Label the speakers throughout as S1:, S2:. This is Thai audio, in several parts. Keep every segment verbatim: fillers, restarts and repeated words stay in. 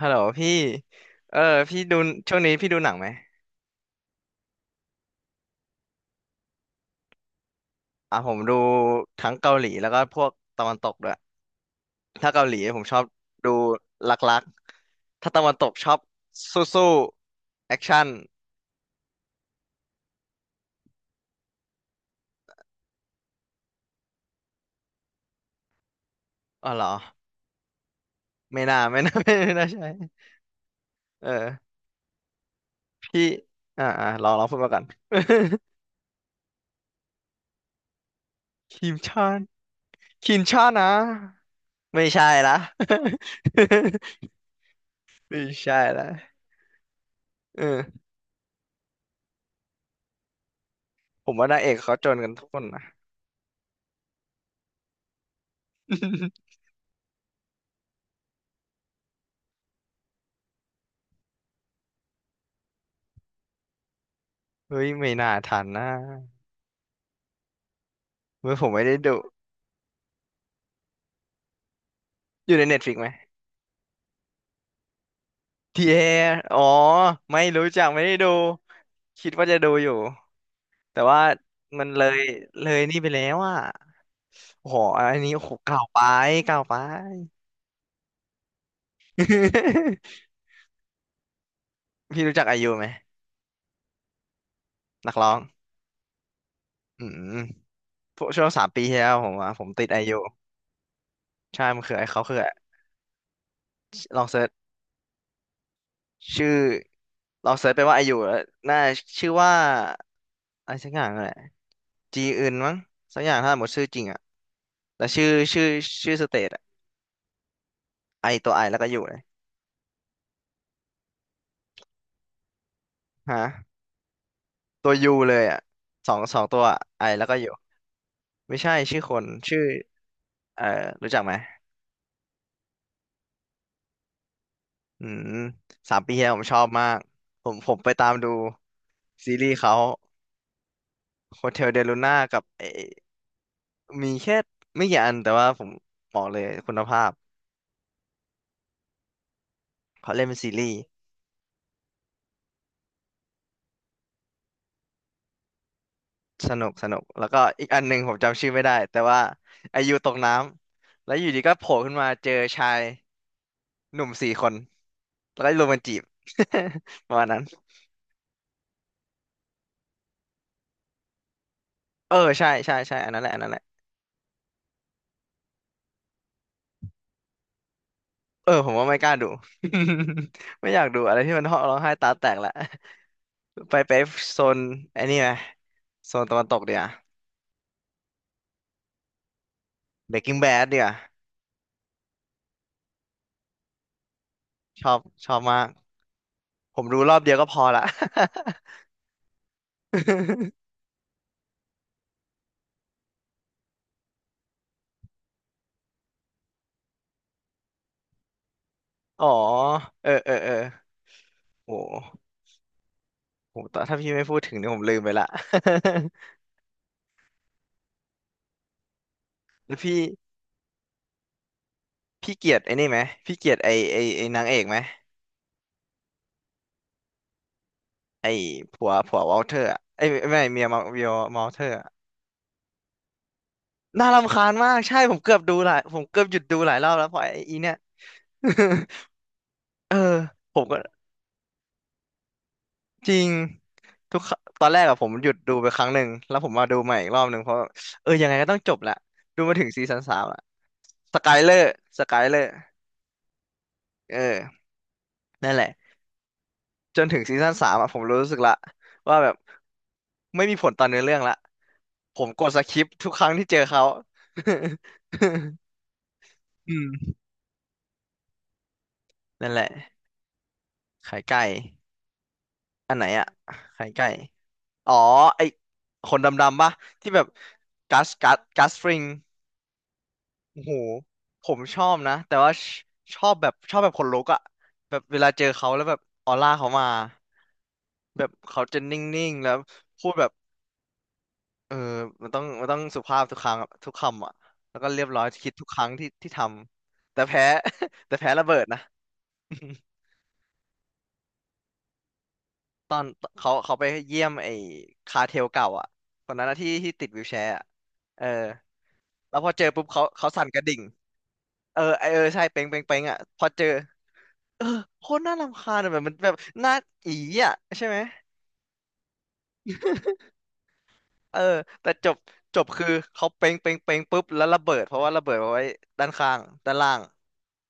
S1: ฮัลโหลพี่เออพี่ดูช่วงนี้พี่ดูหนังไหมอ่ะผมดูทั้งเกาหลีแล้วก็พวกตะวันตกด้วยถ้าเกาหลีผมชอบดูรักๆถ้าตะวันตกชอบสู้ๆแอคชั่นอ๋อเหรอไม่น่าไม่น่า ไม่น่าใช่เออพี่อ่าอ่าลองลองพูดมากัน คิมชอน คิมชอนนะไม่ใช่ละ ไม่ใช่ละเออผมว่านางเอกเขาจนกันทุกคนนะ เฮ้ยไม่น่าทันนะ เมื่อผมไม่ได้ดูอยู่ในเน็ตฟ i ิกไหมทีเออ๋อไม่รู้จักไม่ได้ดูคิดว่าจะดูอยู่แต่ว่ามันเลยเลยนี่ไปแล้วอ่ะโอ้โหอันนี้โอ้โหเก่าไปเก่าไป พี่รู้จักไอยูไหมนักร้องอืมพวกช่วงสามปีที่แล้วผมอ่ะผมติดไอยูใช่มันคือไอเขาคือลองเซิร์ชชื่อลองเซิร์ชไปว่าไอยูแล้วน่าชื่อว่าอะไรสักอย่างนั่นแหละจีอื่นมั้งสักอย่างถ้าหมดชื่อจริงอ่ะ แล้วชื่อชื่อชื่อสเตทอะไอตัวไอแล้วก็อยู่เลยฮะตัวยูเลยอ่ะสองสองตัวไอแล้วก็อยู่ไม่ใช่ชื่อคนชื่อเอ่อรู้จักไหมอืมสามปีที่แล้วผมชอบมากผมผมไปตามดูซีรีส์เขาโฮเทลเดลูน่ากับเออมีแค่ไม่กี่อันแต่ว่าผมบอกเลยคุณภาพเขาเล่นเป็นซีรีส์สนุกสนุกแล้วก็อีกอันหนึ่งผมจำชื่อไม่ได้แต่ว่าไอายูตกน้ำแล้วอยู่ดีก็โผล่ขึ้นมาเจอชายหนุ่มสี่คน แล้วก็รุมมันจีบ ประมาณนั้นเออใช่ใช่ใช่อันนั้นแหละอันนั้นแหละเออผมว่าไม่กล้าดู ไม่อยากดูอะไรที่มันร้องร้องไห้ตาแตกละไปไปโซนไอ้นี่ไหมโซนตะวันตกเดียว Breaking Bad เดียวชอบชอบมากผมดูรอบเดียวก็พอละ อ๋อเออเออเออโอ้โหแต่ถ้าพี่ไม่พูดถึงเนี่ยผมลืมไปละ แล้วพี่พี่เกลียดไอ้นี่ไหมพี่เกลียดไอ้ไอ้ไอ้นางเอกไหม ไอ้ผัวผัววอลเทอร์อะไอ้ยไม่ไม่เมียมาเมียมอลเทอร์อะน่ารำคาญมากใช่ผมเกือบดูหลายผมเกือบหยุดดูหลายรอบแล้วเพราะไอ้อีเนี่ย เออผมก็จริงทุกครั้งตอนแรกอะผมหยุดดูไปครั้งหนึ่งแล้วผมมาดูใหม่อีกรอบหนึ่งเพราะเออยังไงก็ต้องจบแหละดูมาถึงซีซั่นสามละสกายเลอร์สกายเลอร์เออนั่นแหละจนถึงซีซั่นสามอะผมรู้สึกละว่าแบบไม่มีผลต่อเนื้อเรื่องละผมกดสคิปทุกครั้งที่เจอเขา อืม นั่นแหละขายไก่อันไหนอะขายไก่อ๋อไอคนดำๆปะที่แบบกัสกัสกัสฟริงโอ้โหผมชอบนะแต่ว่าชชอบแบบชอบแบบขนลุกอะแบบเวลาเจอเขาแล้วแบบออร่าเขามาแบบเขาจะนิ่งๆแล้วพูดแบบเออมันต้องมันต้องสุภาพทุกครั้งอะทุกคำอ่ะแล้วก็เรียบร้อยคิดทุกครั้งที่ที่ทำแต่แพ้ แต่แพ้ระเบิดนะ ตอนเขาเขาไปเยี่ยมไอ้คาเทลเก่าอ่ะคนนั้นนะที่ที่ติดวีลแชร์อะเออแล้วพอเจอปุ๊บเขาเขาสั่นกระดิ่งเออไอเออใช่เป้งเป้งเป้งอ่ะพอเจอเออโคตรน่ารำคาญอะแบบมันแบบหน้าอีอ่ะใช่ไหมเออแต่จบจบคือเขาเป้งเป้งเป้งปุ๊บแล้วระเบิดเพราะว่าระเบิดเอาไว้ด้านข้างด้านล่าง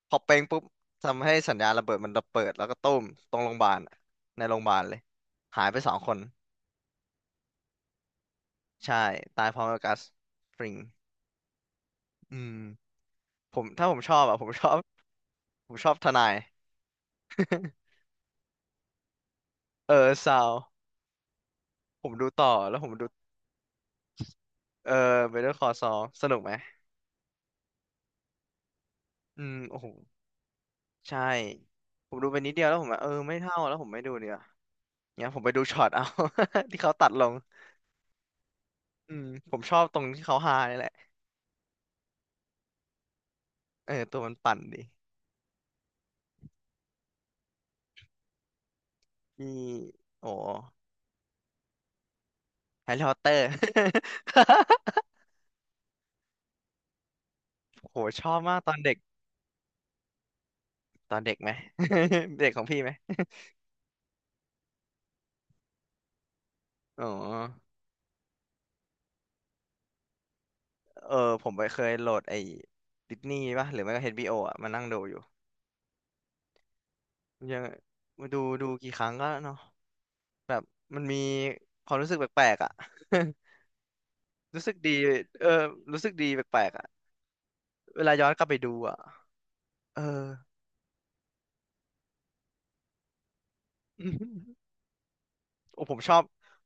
S1: พอเป้งปุ๊บทำให้สัญญาณระเบิดมันระเบิดแล้วก็ตุ้มตรงโรงพยาบาลอะในโรงพยาบาลเลยหายไปสองคน ใช่ตายพร้อมกับกัสฟริงอืมผมถ้าผมชอบอ่ะผมชอบ ผมชอบทนายเออซาวผมดูต่อแล้วผมดูเออเบเตอร์คอซอสนุกไหมอืมโอ้โหใช่ผมดูไปนิดเดียวแล้วผมแบบเออไม่เท่าแล้วผมไม่ดูเนีกว่ยเนี่ยผมไปดูช็อต เอา ที่เขาตัดลงอืมผมชอบตรงที่เขาฮานี่แหละเออตัวมันปั่นดีที่โอ้แฮร์รี่พ อตเตอร์ โหชอบมากตอนเด็กตอนเด็กไหม เด็กของพี่ไหมอ๋อ เออผมไปเคยโหลดไอ้ดิสนีย์ป่ะหรือไม่ก็เอชบิโออ่ะมานั่งดูอยู่ยังดูดูกี่ครั้งก็เนาะแบบมันมีความรู้สึกแปลกๆอ่ะ รู้สึกดีเออรู้สึกดีแปลกๆอ่ะเวลาย้อนกลับไปดูอ่ะเออ โอ้ผมชอบ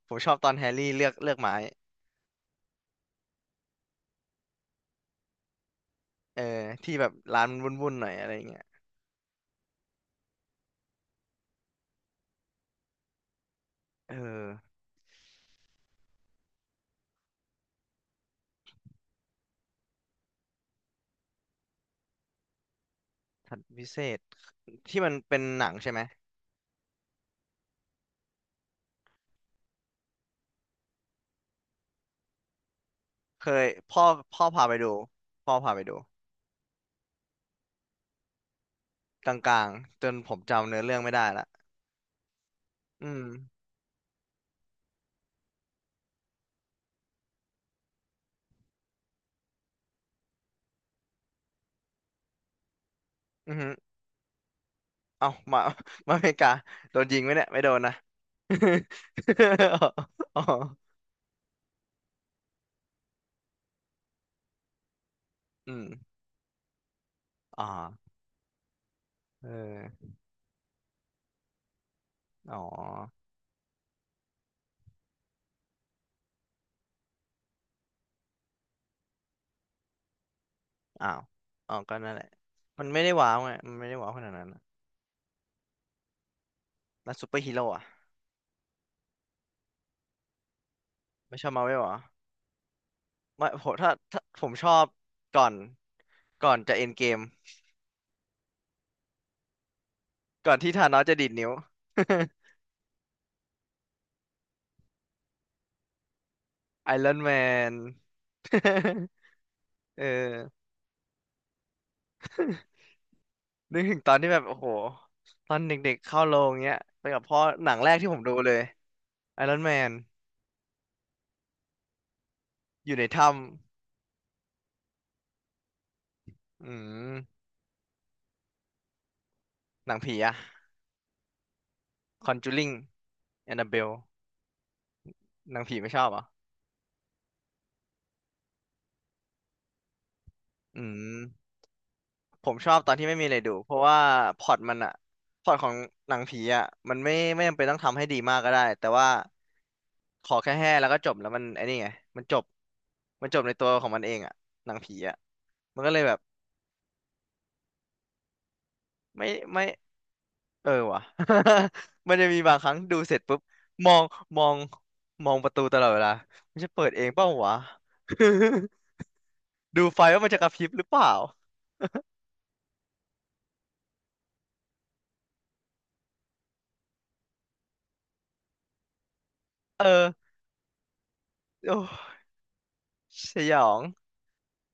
S1: ผมชอบตอนแฮร์รี่เลือกเลือกไม้เออที่แบบร้านมันวุ่นๆหน่อยอะไรเงี้ยเออทัดพิเศษที่มันเป็นหนังใช่ไหมเคยพ่อพ่อพาไปดูพ่อพาไปดูกลางๆจนผมจำเนื้อเรื่องไม่ได้ละ อืมอือหือเอามา มาอเมริกาโดนยิงไหมเนี่ยไม่โดนนะ อ๋ออืมอ๋อเอออ๋ออ้าวอ๋อก็นั่นแหละมันไม่ได้ว้าวไงมันไม่ได้ว้าวขนาดนั้นอะแล้วซูเปอร์ฮีโร่อะไม่ชอบมาร์เวลเหรอไม่ผมถ้าถ้าผมชอบก่อนก่อนจะเอ็นเกมก่อนที่ธานอสจะดีดนิ้ว ไอรอนแมน เออ นึกถึงตอนที่แบบโอ้โหตอนเด็กๆเข้าโรงเงี้ยไปกับพ่อหนังแรกที่ผมดูเลยไอรอนแมนอยู่ในถ้ำอืมหนังผีอะคอนจูริงแอนนาเบลหนังผีไม่ชอบเหรออืมผมชอบตอนที่ไม่มีอะไรดูเพราะว่าพล็อตมันอะพล็อตของหนังผีอะมันไม่ไม่จำเป็นต้องทำให้ดีมากก็ได้แต่ว่าขอแค่แห้แล้วก็จบแล้วมันไอ้นี่ไงมันจบมันจบในตัวของมันเองอะหนังผีอะมันก็เลยแบบไม่ไม่ เออว่ะ มันจะมีบางครั้งดูเสร็จปุ๊บมองมองมองประตูตลอดเวลามันจะเปิดเองเปล่าวะ ดูไฟว่ามันจะกระพริบหรือเปล่า เออโอ้สยอง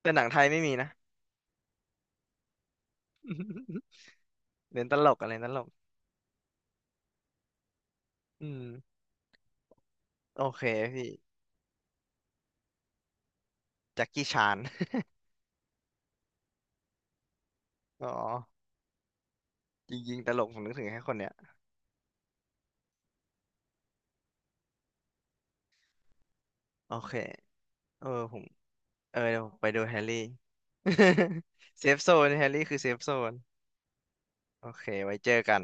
S1: แต่หนังไทยไม่มีนะ เน้นตลกอะไรตลก อืมโอเคพี่แจ็คกี้ชาน อ๋อจริงๆตลกผมนึกถึงแค่คนเนี้ยโอเคเออผมเออเดี๋ยวผมไปดูแฮร์ รี่ เซฟโซนแฮร์รี่คือเซฟโซนโอเคไว้เจอกัน